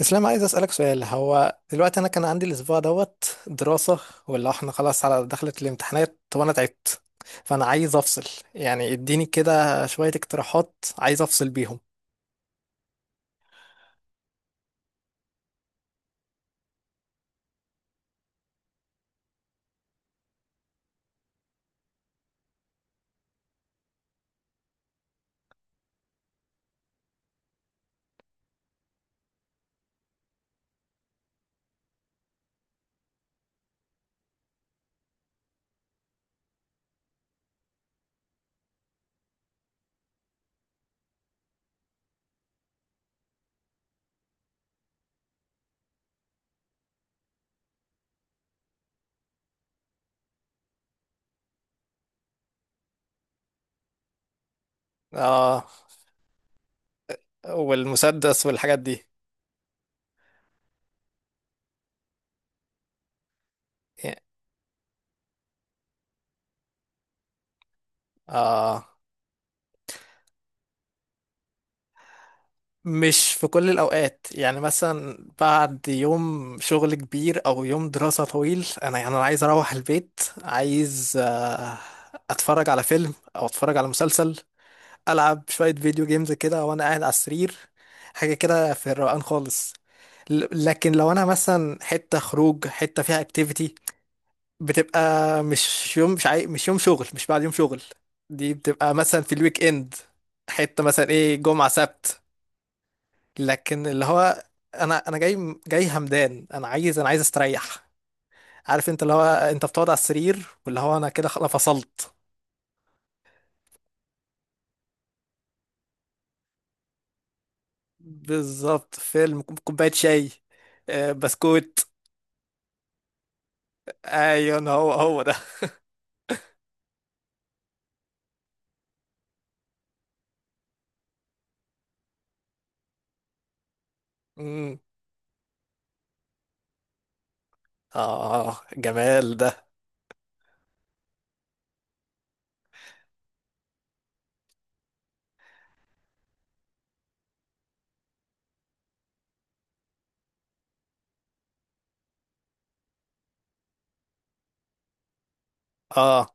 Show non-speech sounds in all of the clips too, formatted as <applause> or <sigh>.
اسلام، عايز اسالك سؤال. هو دلوقتي انا كان عندي الاسبوع دوت دراسه ولا احنا خلاص على دخلت الامتحانات وانا تعبت؟ فانا عايز افصل. يعني اديني كده شويه اقتراحات عايز افصل بيهم. اه، والمسدس والحاجات دي. يعني، اه، مش في كل الاوقات، يعني مثلا بعد يوم شغل كبير او يوم دراسه طويل، انا يعني انا عايز اروح البيت، عايز اتفرج على فيلم او اتفرج على مسلسل. العب شويه فيديو جيمز كده وانا قاعد على السرير، حاجه كده في الروقان خالص. لكن لو انا مثلا حته خروج حته فيها اكتيفيتي بتبقى مش يوم، مش يوم شغل، مش بعد يوم شغل. دي بتبقى مثلا في الويك اند، حته مثلا ايه جمعه سبت. لكن اللي هو، انا جاي همدان، انا عايز استريح. عارف انت اللي هو انت بتقعد على السرير، واللي هو انا كده خلاص فصلت. بالظبط، فيلم، كوبايه شاي. آه، بسكوت. ايون، هو ده. امم. اه، جمال ده. اه،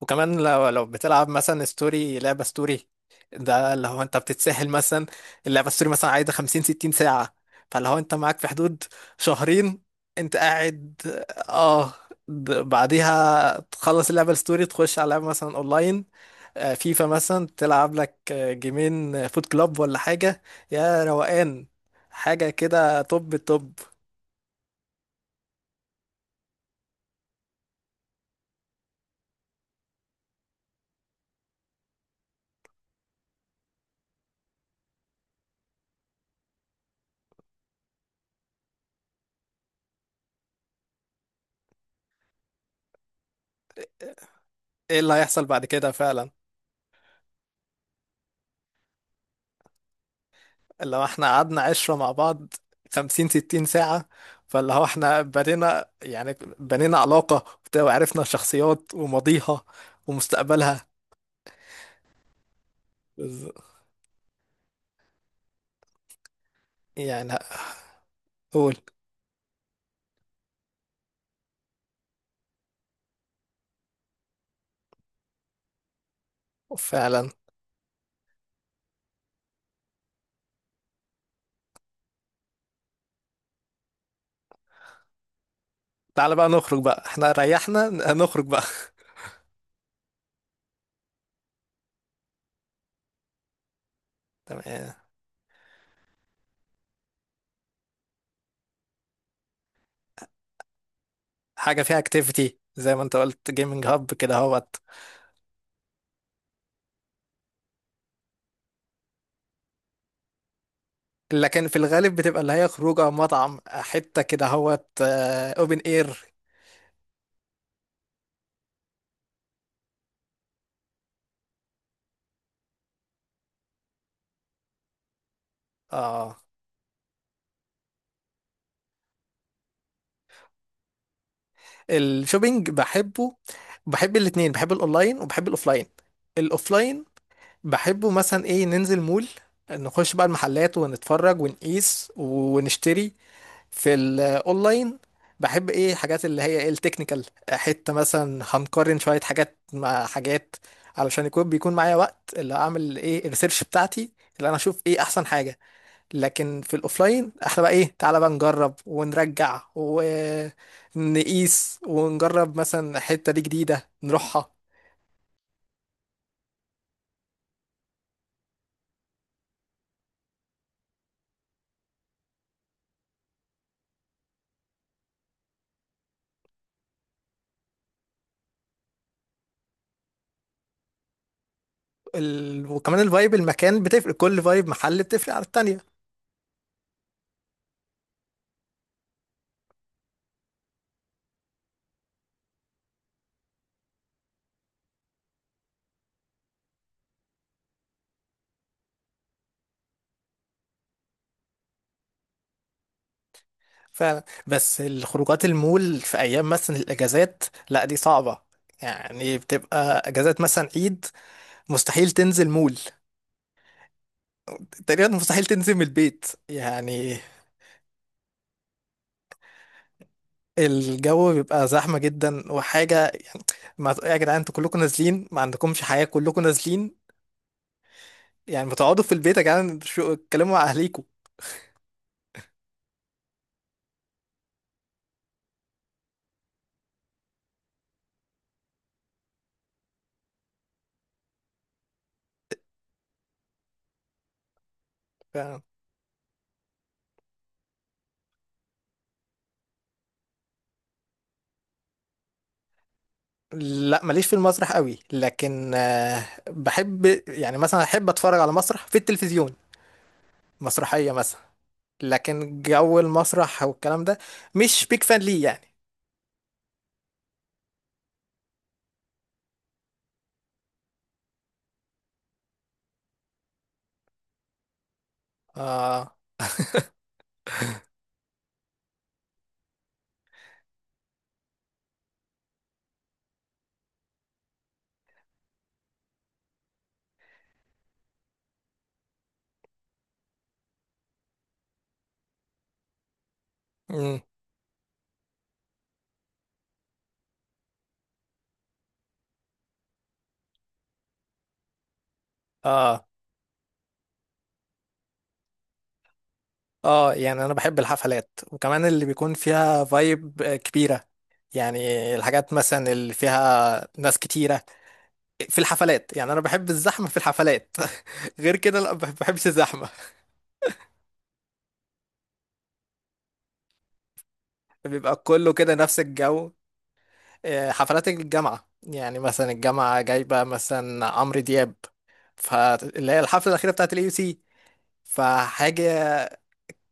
وكمان لو بتلعب مثلا ستوري، لعبة ستوري ده اللي هو انت بتتسهل. مثلا اللعبة ستوري مثلا عايزة 50-60 ساعة، فاللي هو انت معاك في حدود شهرين انت قاعد. اه. بعديها تخلص اللعبة الستوري تخش على لعبة مثلا اونلاين، فيفا مثلا، تلعب لك جيمين، فوت كلاب ولا حاجة. يا روقان. حاجة كده توب التوب. ايه اللي هيحصل بعد كده فعلا. لو احنا قعدنا عشرة مع بعض، 50-60 ساعة، فاللي هو احنا بنينا يعني، بنينا علاقة وبتاع، وعرفنا شخصيات وماضيها ومستقبلها. بز- يعني. قول. فعلا، تعالى بقى نخرج بقى، احنا ريحنا، نخرج بقى. <laughs> تمام. حاجة فيها اكتيفيتي زي ما انت قلت، جيمنج هاب كده هوت. لكن في الغالب بتبقى اللي هي خروجه مطعم، حتة كده هوت اوبن اير. اه. الشوبينج بحبه، بحب الاتنين، بحب الاونلاين وبحب الاوفلاين. الاوفلاين بحبه مثلا ايه، ننزل مول، نخش بقى المحلات ونتفرج ونقيس ونشتري. في الاونلاين بحب ايه، حاجات اللي هي ايه التكنيكال، حتة مثلا هنقارن شوية حاجات مع حاجات علشان يكون بيكون معايا وقت اللي اعمل ايه الريسيرش بتاعتي، اللي انا اشوف ايه احسن حاجة. لكن في الاوفلاين احنا بقى ايه، تعالى بقى نجرب ونرجع ونقيس ونجرب، مثلا حتة دي جديدة نروحها. وكمان الفايب المكان بتفرق، كل فايب محل بتفرق عن التانية. فعلا، بس الخروجات المول في ايام مثلا الاجازات، لا دي صعبة. يعني بتبقى اجازات مثلا عيد، مستحيل تنزل مول، تقريبا مستحيل تنزل من البيت يعني. الجو بيبقى زحمة جدا وحاجة يعني. ما يا جدعان، انتوا كلكم نازلين، ما عندكمش حياة، كلكم نازلين. يعني ما تقعدوا في البيت يا جدعان، شو اتكلموا مع أهليكوا. ف... لا، ماليش في المسرح قوي، لكن بحب، يعني مثلا احب اتفرج على مسرح في التلفزيون، مسرحية مثلا، لكن جو المسرح والكلام ده مش بيك فان ليه يعني. اه. امم. اه. اه، يعني انا بحب الحفلات، وكمان اللي بيكون فيها فايب كبيرة يعني، الحاجات مثلا اللي فيها ناس كتيرة، في الحفلات يعني انا بحب الزحمة في الحفلات. <laughs> غير كده، لا، ما بحبش الزحمة. بيبقى كله كده نفس الجو. حفلات الجامعة، يعني مثلا الجامعة جايبة مثلا عمرو دياب، فاللي هي الحفلة الأخيرة بتاعت اليو سي، فحاجة،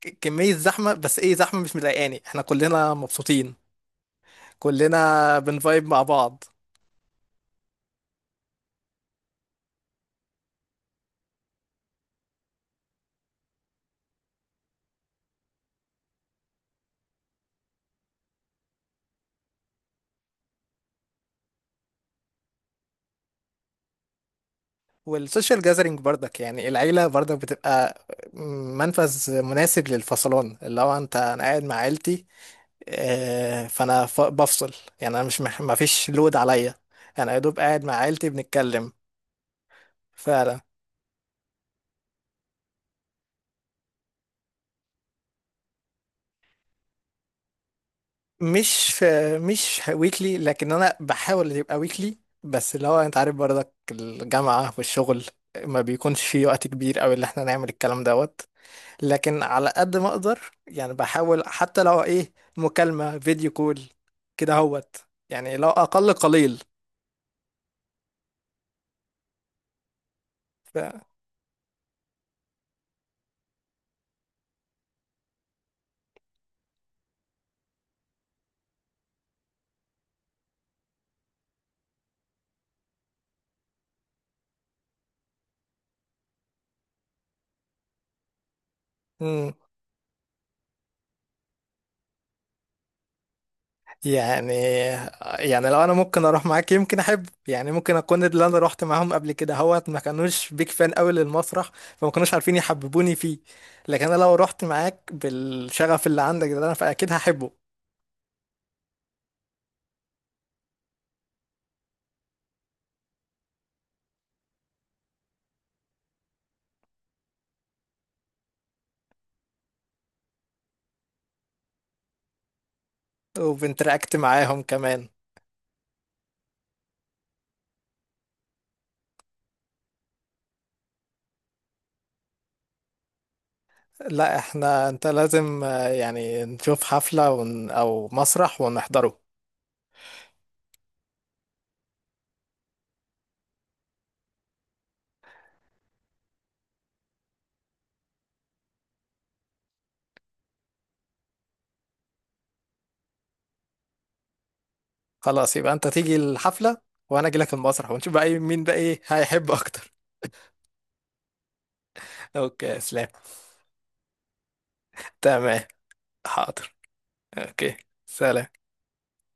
كمية زحمة، بس ايه، زحمة مش مضايقاني، احنا كلنا مبسوطين، كلنا بنفايب مع بعض. والسوشيال جاذرينج برضك، يعني العيلة برضك بتبقى منفذ مناسب للفصلان، اللي هو انت انا قاعد مع عيلتي، فانا بفصل. يعني انا مش ما فيش لود عليا، انا يا دوب قاعد مع عيلتي بنتكلم. فعلا. مش في، مش ويكلي، لكن انا بحاول يبقى ويكلي، بس اللي هو انت عارف برضك الجامعة والشغل ما بيكونش في وقت كبير قوي اللي احنا نعمل الكلام دوت. لكن على قد ما اقدر يعني بحاول حتى لو ايه مكالمة فيديو كول كده هوت، يعني لو اقل قليل. ف... مم. يعني، يعني لو انا ممكن اروح معاك يمكن احب، يعني ممكن اكون اللي انا رحت معاهم قبل كده هوت ما كانوش بيك فان قوي للمسرح، فما كانوش عارفين يحببوني فيه. لكن انا لو رحت معاك بالشغف اللي عندك ده انا فاكيد هحبه. وبنتراكت معاهم كمان. لا، احنا انت لازم يعني نشوف حفلة او مسرح ونحضره. خلاص، يبقى انت تيجي الحفلة وانا اجي لك المسرح، ونشوف بقى مين بقى، ايه هيحب اكتر. <laughs> اوكي اسلام. تمام. حاضر. اوكي. سلام.